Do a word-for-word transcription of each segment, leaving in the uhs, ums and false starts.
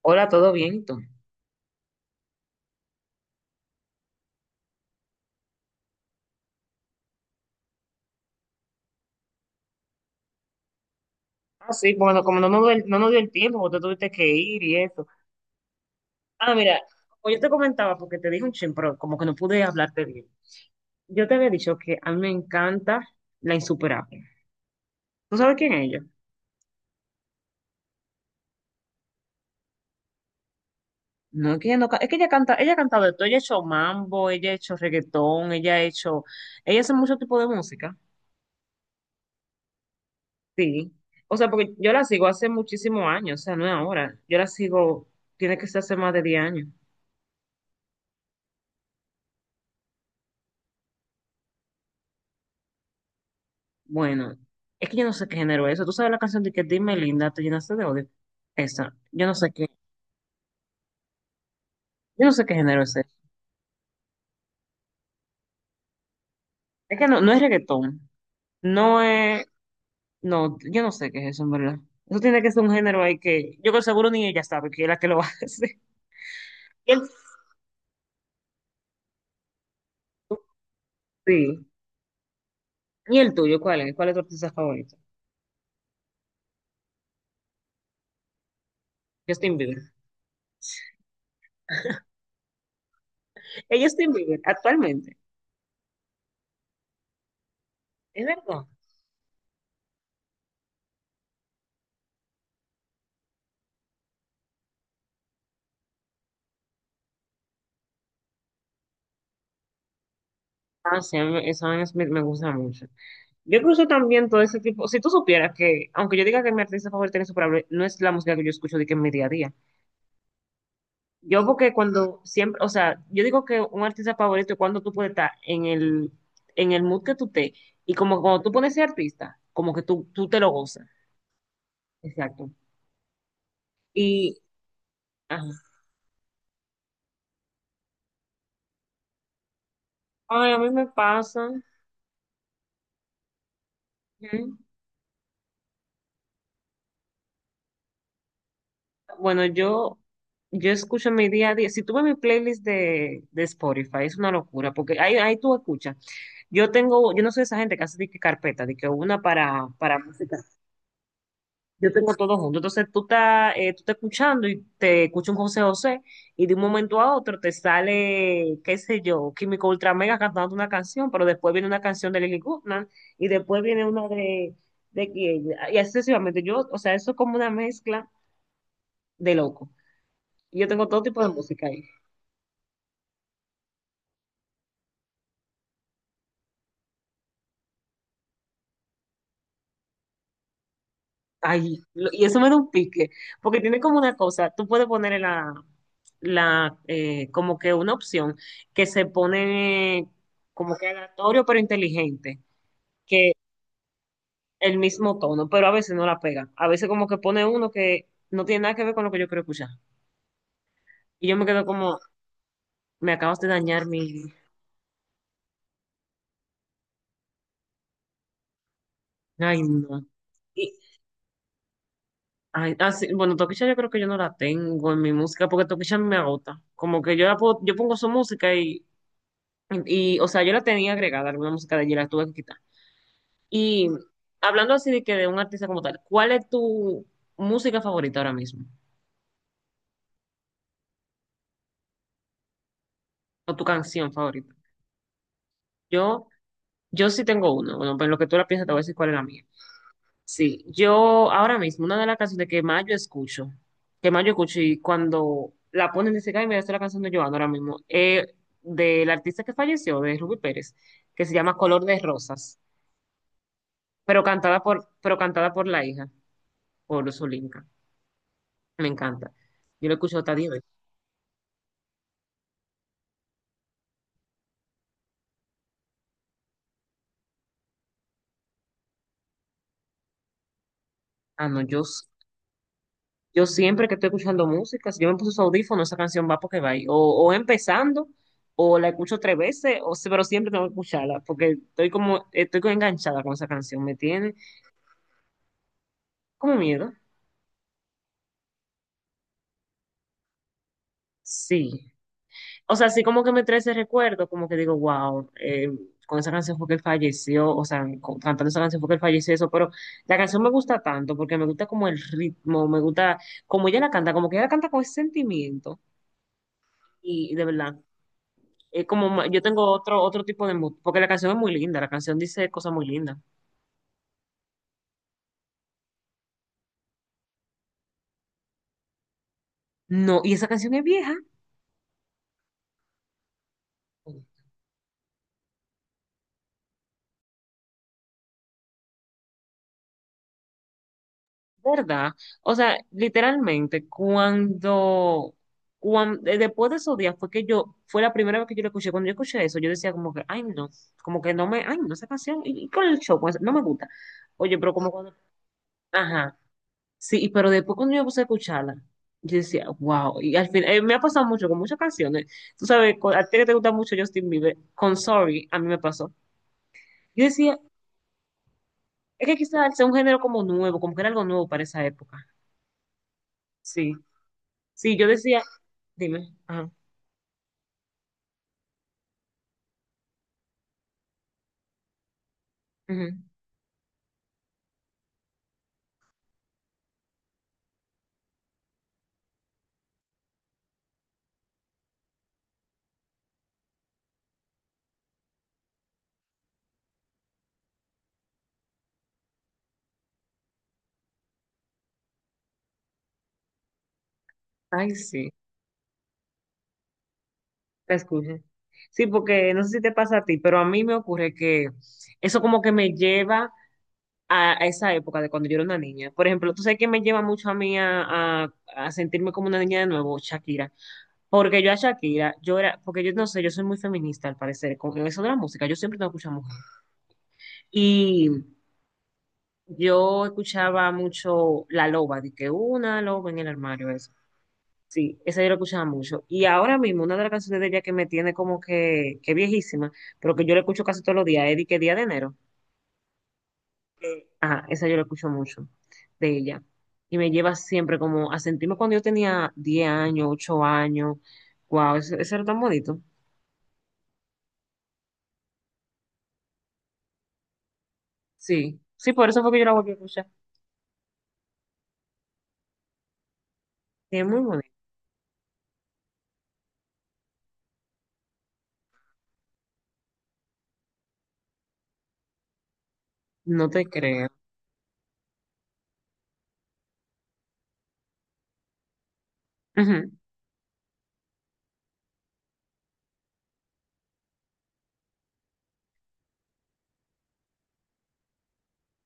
Hola, ¿todo bien? ¿Y tú? Ah, sí, bueno, como no nos, dio el- no nos dio el tiempo, porque tú tuviste que ir y eso. Ah, mira, como yo te comentaba, porque te dije un chin, pero como que no pude hablarte bien. Yo te había dicho que a mí me encanta La Insuperable. ¿Tú sabes quién es ella? No, es que ella no, ca- es que ella canta, ella ha cantado de todo, ella ha hecho mambo, ella ha hecho reggaetón, ella ha hecho, ella hace mucho tipo de música, sí. O sea, porque yo la sigo hace muchísimos años, o sea, no es ahora. Yo la sigo, tiene que ser hace más de diez años. Bueno, es que yo no sé qué género es eso. ¿Tú sabes la canción de que Dime Linda, te llenaste de odio? Esa, yo no sé qué, yo no sé qué género es ese. Es que no, no es reggaetón, no es, no, yo no sé qué es eso, en verdad. Eso tiene que ser un género ahí que yo con seguro ni ella sabe que es la que lo hace. Y el, sí. ¿Y el tuyo cuál es? ¿Cuál es tu artista favorito? Justin Bieber. Es Justin Bieber, actualmente. Es verdad. Ah, sí, a mí- esa vaina es- me, me gusta mucho. Yo incluso también todo ese tipo, si tú supieras que, aunque yo diga que mi artista favorita es insuperable, no es la música que yo escucho de que en mi día a día. Yo porque cuando siempre, o sea, yo digo que un artista favorito es cuando tú puedes estar en el, en el mood que tú te, y como cuando tú pones ese artista, como que tú, tú te lo gozas. Exacto. Y, ajá. Ay, a mí me pasa. Ujú. Bueno, yo, yo escucho en mi día a día. Si tú ves mi playlist de, de Spotify, es una locura, porque ahí, ahí tú escuchas. Yo tengo, yo no soy esa gente que hace de que carpeta, de que una para, para música. Yo tengo todo junto. Entonces tú estás, eh, tú estás escuchando y te escucha un José José y de un momento a otro te sale, qué sé yo, Químico Ultra Mega cantando una canción, pero después viene una canción de Lily Goodman y después viene una de, de quién. Y así sucesivamente. Yo, o sea, eso es como una mezcla de loco. Yo tengo todo tipo de música ahí. Ay, lo- y eso me da un pique, porque tiene como una cosa, tú puedes poner la, la eh, como que una opción que se pone como que aleatorio pero inteligente, que el mismo tono, pero a veces no la pega. A veces como que pone uno que no tiene nada que ver con lo que yo quiero escuchar. Y yo me quedo como, me acabas de dañar mi. Ay, no. Y, ay, ah, sí, bueno, Toquilla yo creo que yo no la tengo en mi música, porque Toquilla me agota. Como que yo la puedo, yo pongo su música y. Y, o sea, yo la tenía agregada, alguna música de allí la tuve que quitar. Y hablando así de que de un artista como tal, ¿cuál es tu música favorita ahora mismo? ¿O tu canción favorita? Yo, yo sí tengo uno. Bueno, pues en lo que tú la piensas, te voy a decir cuál es la mía. Sí, yo ahora mismo, una de las canciones que más yo escucho, que más yo escucho y cuando la ponen, dice, ay, mira, esta es la canción de Joan ahora mismo, eh, del artista que falleció, de Ruby Pérez, que se llama Color de Rosas, pero cantada por, pero cantada por la hija, por Solinka. Me encanta. Yo lo escucho hasta diez veces. Ah, no, yo, s- yo siempre que estoy escuchando música, si yo me puse su audífono, esa canción va porque va ahí. O, o empezando, o la escucho tres veces, o, si- pero siempre tengo que escucharla, porque estoy como, estoy como enganchada con esa canción, me tiene como miedo. Sí. O sea, sí como que me trae ese recuerdo, como que digo, wow, eh, con esa canción fue que él falleció, o sea, con- cantando esa canción fue que él falleció, eso, pero la canción me gusta tanto, porque me gusta como el ritmo, me gusta como ella la canta, como que ella la canta con ese sentimiento. Y de verdad, es como, ma- yo tengo otro, otro tipo de mood, porque la canción es muy linda, la canción dice cosas muy lindas. No, y esa canción es vieja, ¿verdad? O sea, literalmente, cuando, cuando después de esos días fue que yo, fue la primera vez que yo la escuché, cuando yo escuché eso, yo decía como que, ay no, como que no me, ay no, esa canción, y, y con el show, con esa- no me gusta. Oye, pero como cuando, ajá. Sí, pero después cuando yo puse a escucharla, yo decía, wow, y al final, eh, me ha pasado mucho con muchas canciones. Tú sabes, con- a ti que te gusta mucho Justin Bieber, con Sorry, a mí me pasó. Yo decía, es que quizás sea un género como nuevo, como que era algo nuevo para esa época. Sí, sí, yo decía, dime, ajá, ujú. Ay, sí, te escucho. Sí, porque no sé si te pasa a ti, pero a mí me ocurre que eso como que me lleva a, a esa época de cuando yo era una niña. Por ejemplo, tú sabes que me lleva mucho a mí a, a- a sentirme como una niña de nuevo, Shakira. Porque yo a Shakira, yo era, porque yo no sé, yo soy muy feminista al parecer, con eso de la música, yo siempre tengo que escuchar mujer. Y yo escuchaba mucho La Loba, de que una loba en el armario, eso. Sí, esa yo la escuchaba mucho. Y ahora mismo, una de las canciones de ella que me tiene como que, que viejísima, pero que yo la escucho casi todos los días, es de que Día de Enero. Ajá, esa yo la escucho mucho de ella. Y me lleva siempre como a sentirme cuando yo tenía diez años, ocho años. Wow, eso, eso era tan bonito. Sí, sí, por eso fue que yo la volví a escuchar. Sí, es muy bonito. No te creo. Ujú.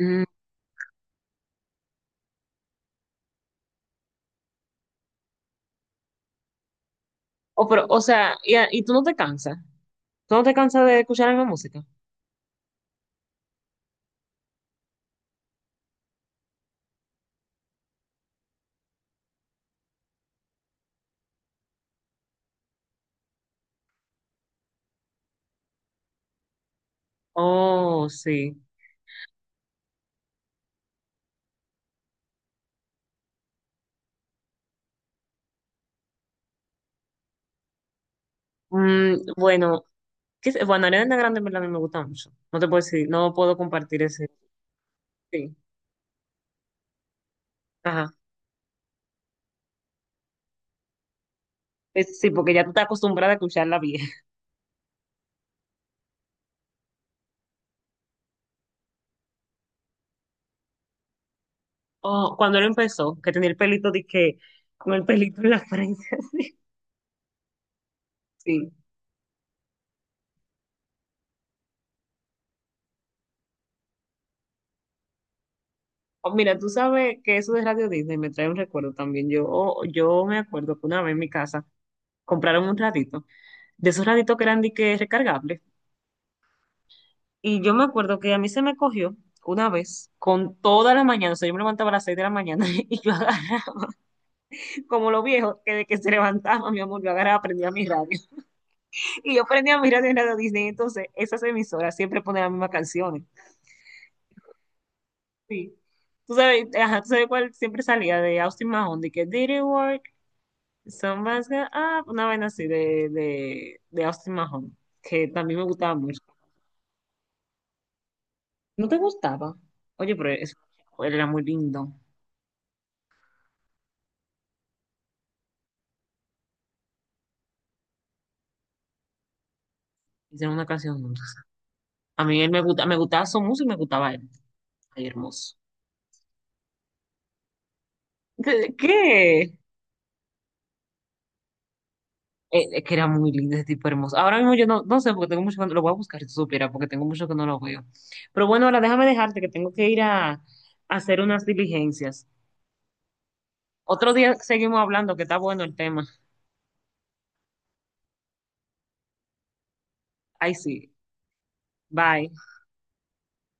Mm, O, pero, o sea, y, a- y tú no te cansas. ¿Tú no te cansas de escuchar la misma música? Oh, sí. Mm, bueno, ¿qué sé? Bueno, Ariana Grande en verdad a mí me gusta mucho. No te puedo decir, no puedo compartir ese. Sí, ajá. Es- sí, porque ya tú estás acostumbrada a escucharla. Oh, cuando él empezó, que tenía el pelito de que, con el pelito en la frente, así. Sí. Oh, mira, tú sabes que eso de Radio Disney me trae un recuerdo también. Yo, oh, yo me acuerdo que una vez en mi casa compraron un ratito, de esos raditos que eran de que recargables. Y yo me acuerdo que a mí se me cogió una vez con toda la mañana. O sea, yo me levantaba a las seis de la mañana y yo agarraba, como los viejos, que de que se levantaba, mi amor, yo agarraba, prendía mi radio. Y yo prendía mi radio en Radio Disney. Entonces, esas emisoras siempre ponen las mismas canciones. Sí. Tú sabes, ajá, tú sabes cuál siempre salía de Austin Mahone, de que Did it work? Somebody's got up", una vaina así de, de, de Austin Mahone, que también me gustaba mucho. ¿No te gustaba? Oye, pero eso, él era muy lindo. Hicieron una canción juntos. A mí él me gusta, me gustaba su música y me gustaba él. Ay, hermoso. ¿Qué? ¿Qué? Eh, Es que era muy lindo ese tipo hermoso. Ahora mismo yo no, no sé porque tengo mucho que no- lo voy a buscar si tú supieras, porque tengo mucho que no lo veo. Pero bueno, ahora déjame dejarte que tengo que ir a, a hacer unas diligencias. Otro día seguimos hablando, que está bueno el tema. Ay, sí. Bye.